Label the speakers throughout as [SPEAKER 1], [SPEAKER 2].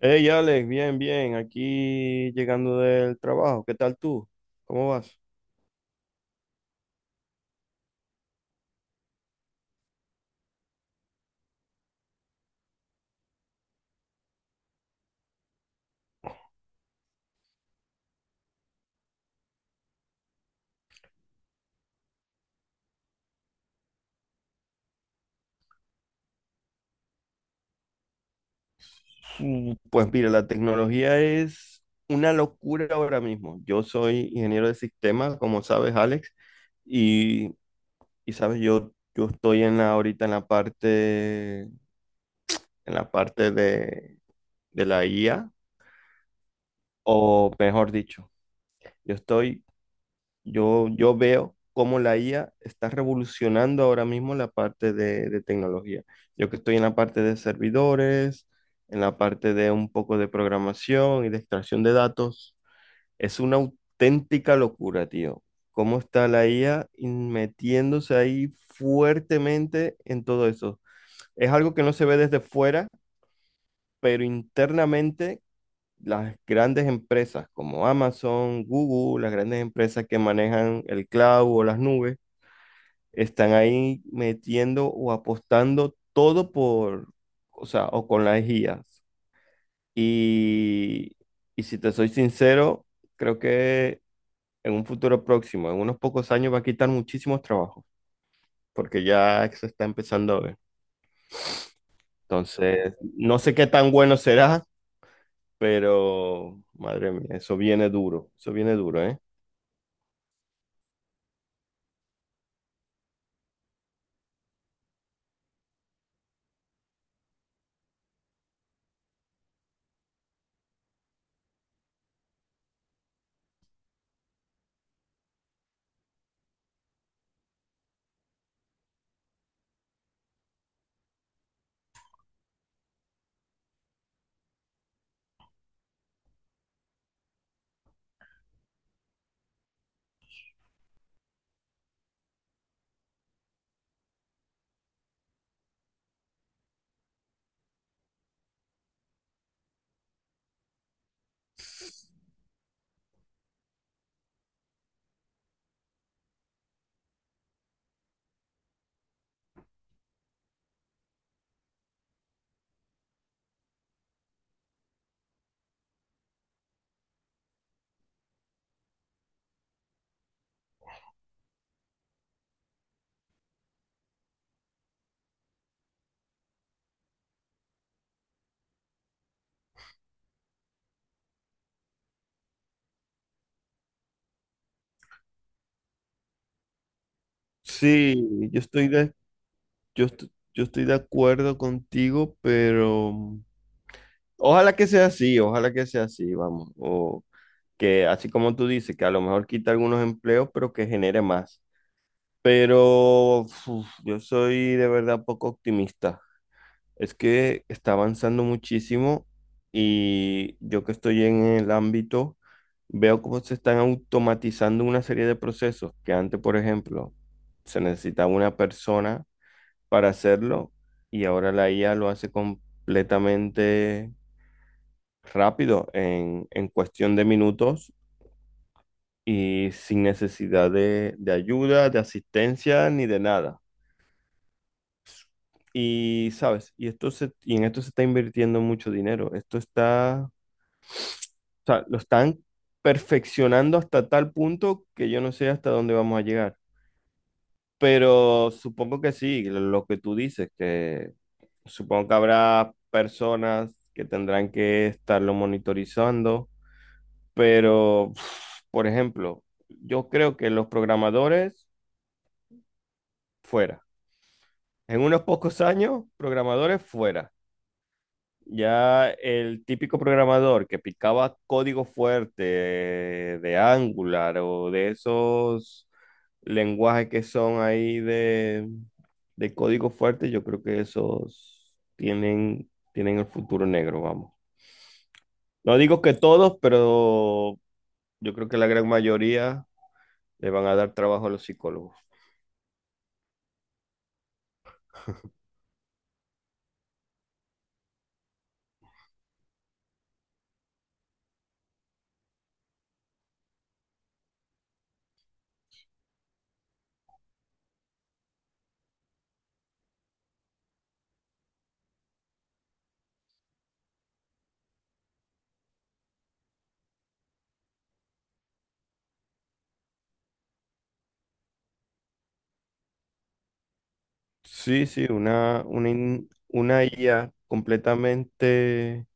[SPEAKER 1] Hey Alex, bien, bien, aquí llegando del trabajo, ¿qué tal tú? ¿Cómo vas? Mm, pues mira, la tecnología es una locura ahora mismo. Yo soy ingeniero de sistemas, como sabes, Alex, y, y sabes, yo estoy en la, ahorita en la parte de la IA, o mejor dicho, yo estoy. Yo veo cómo la IA está revolucionando ahora mismo la parte de tecnología. Yo que estoy en la parte de servidores, en la parte de un poco de programación y de extracción de datos, es una auténtica locura, tío. Cómo está la IA metiéndose ahí fuertemente en todo eso. Es algo que no se ve desde fuera, pero internamente las grandes empresas como Amazon, Google, las grandes empresas que manejan el cloud o las nubes, están ahí metiendo o apostando todo por, o sea, o con las IAs. Y, y si te soy sincero, creo que en un futuro próximo, en unos pocos años, va a quitar muchísimos trabajos, porque ya se está empezando a ver. Entonces, no sé qué tan bueno será, pero madre mía, eso viene duro, ¿eh? Sí, yo estoy de, yo, est- yo estoy de acuerdo contigo, pero ojalá que sea así, ojalá que sea así, vamos. O que así como tú dices, que a lo mejor quita algunos empleos, pero que genere más. Pero uf, yo soy de verdad poco optimista. Es que está avanzando muchísimo y yo que estoy en el ámbito, veo cómo se están automatizando una serie de procesos que antes, por ejemplo, se necesitaba una persona para hacerlo y ahora la IA lo hace completamente rápido en cuestión de minutos y sin necesidad de ayuda, de asistencia ni de nada. Y sabes, y en esto se está invirtiendo mucho dinero. Esto está, o sea, lo están perfeccionando hasta tal punto que yo no sé hasta dónde vamos a llegar. Pero supongo que sí, lo que tú dices, que supongo que habrá personas que tendrán que estarlo monitorizando, pero, uf, por ejemplo, yo creo que los programadores fuera. En unos pocos años, programadores fuera. Ya el típico programador que picaba código fuerte de Angular o de esos lenguajes que son ahí de código fuerte, yo creo que esos tienen, tienen el futuro negro, vamos. No digo que todos, pero yo creo que la gran mayoría le van a dar trabajo a los psicólogos. Sí, sí, una IA completamente,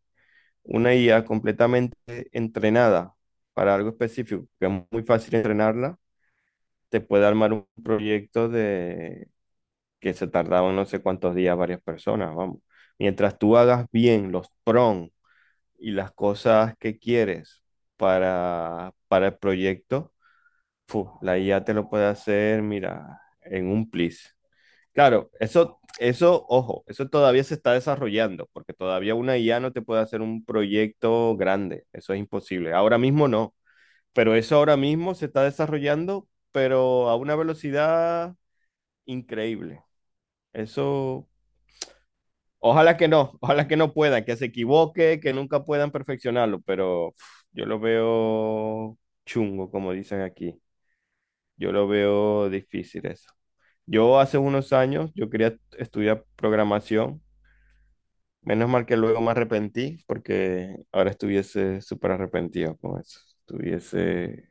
[SPEAKER 1] una IA completamente entrenada para algo específico, que es muy fácil entrenarla, te puede armar un proyecto de que se tardaban no sé cuántos días varias personas, vamos. Mientras tú hagas bien los prompts y las cosas que quieres para el proyecto, fu, la IA te lo puede hacer, mira, en un plis. Claro, eso, ojo, eso todavía se está desarrollando, porque todavía una IA no te puede hacer un proyecto grande, eso es imposible. Ahora mismo no, pero eso ahora mismo se está desarrollando, pero a una velocidad increíble. Eso, ojalá que no puedan, que se equivoque, que nunca puedan perfeccionarlo, pero uf, yo lo veo chungo, como dicen aquí. Yo lo veo difícil eso. Yo hace unos años, yo quería estudiar programación. Menos mal que luego me arrepentí, porque ahora estuviese súper arrepentido con eso. Estuviese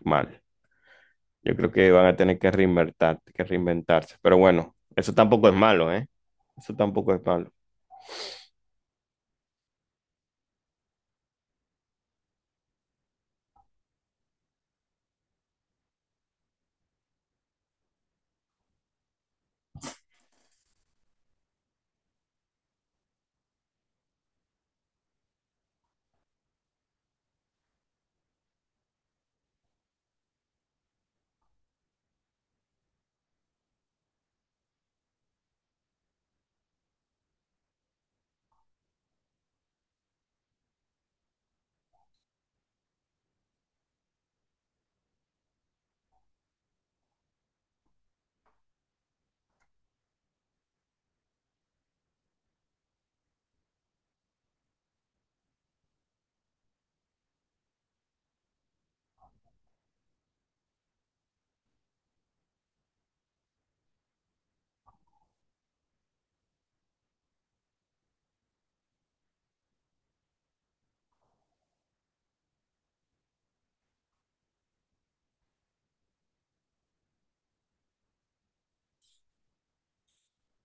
[SPEAKER 1] mal. Yo creo que van a tener que reinventar, que reinventarse. Pero bueno, eso tampoco es malo, ¿eh? Eso tampoco es malo.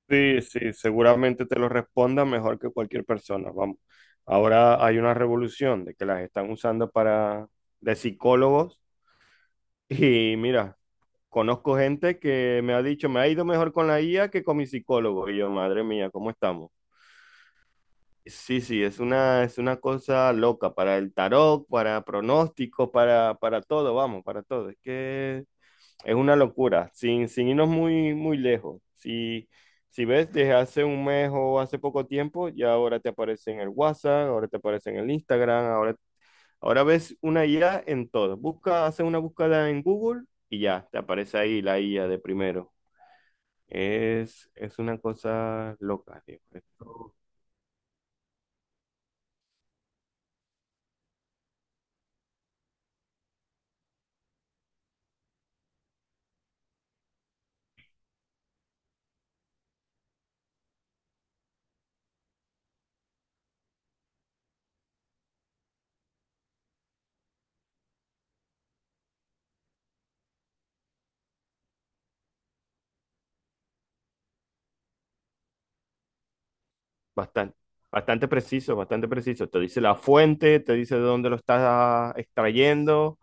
[SPEAKER 1] Sí, sí, seguramente te lo responda mejor que cualquier persona. Vamos. Ahora hay una revolución de que las están usando para de psicólogos. Y mira, conozco gente que me ha dicho, me ha ido mejor con la IA que con mi psicólogo. Y yo, madre mía, ¿cómo estamos? Sí, sí, es una cosa loca para el tarot, para pronósticos, para todo, vamos, para todo. Es que es una locura, sin irnos muy, muy lejos. Si, si ves desde hace un mes o hace poco tiempo, ya ahora te aparece en el WhatsApp, ahora te aparece en el Instagram, ahora, ahora ves una IA en todo. Busca, hace una búsqueda en Google y ya, te aparece ahí la IA de primero. Es una cosa loca, tío. Bastante, bastante preciso, bastante preciso. Te dice la fuente, te dice de dónde lo estás extrayendo.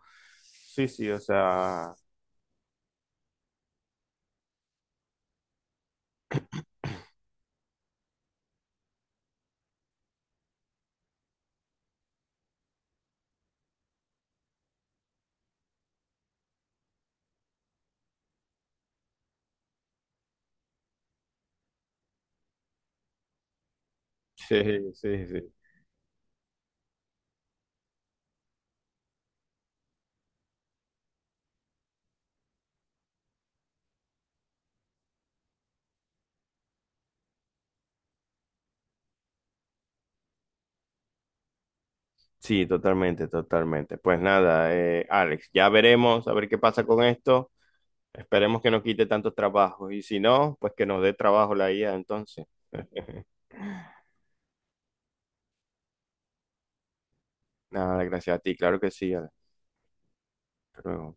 [SPEAKER 1] Sí, sí, o sea, sí, sí, sí. Sí, totalmente, totalmente. Pues nada, Alex, ya veremos a ver qué pasa con esto. Esperemos que no quite tantos trabajos y si no, pues que nos dé trabajo la IA entonces. Nada, gracias a ti, claro que sí, Alex. Hasta luego.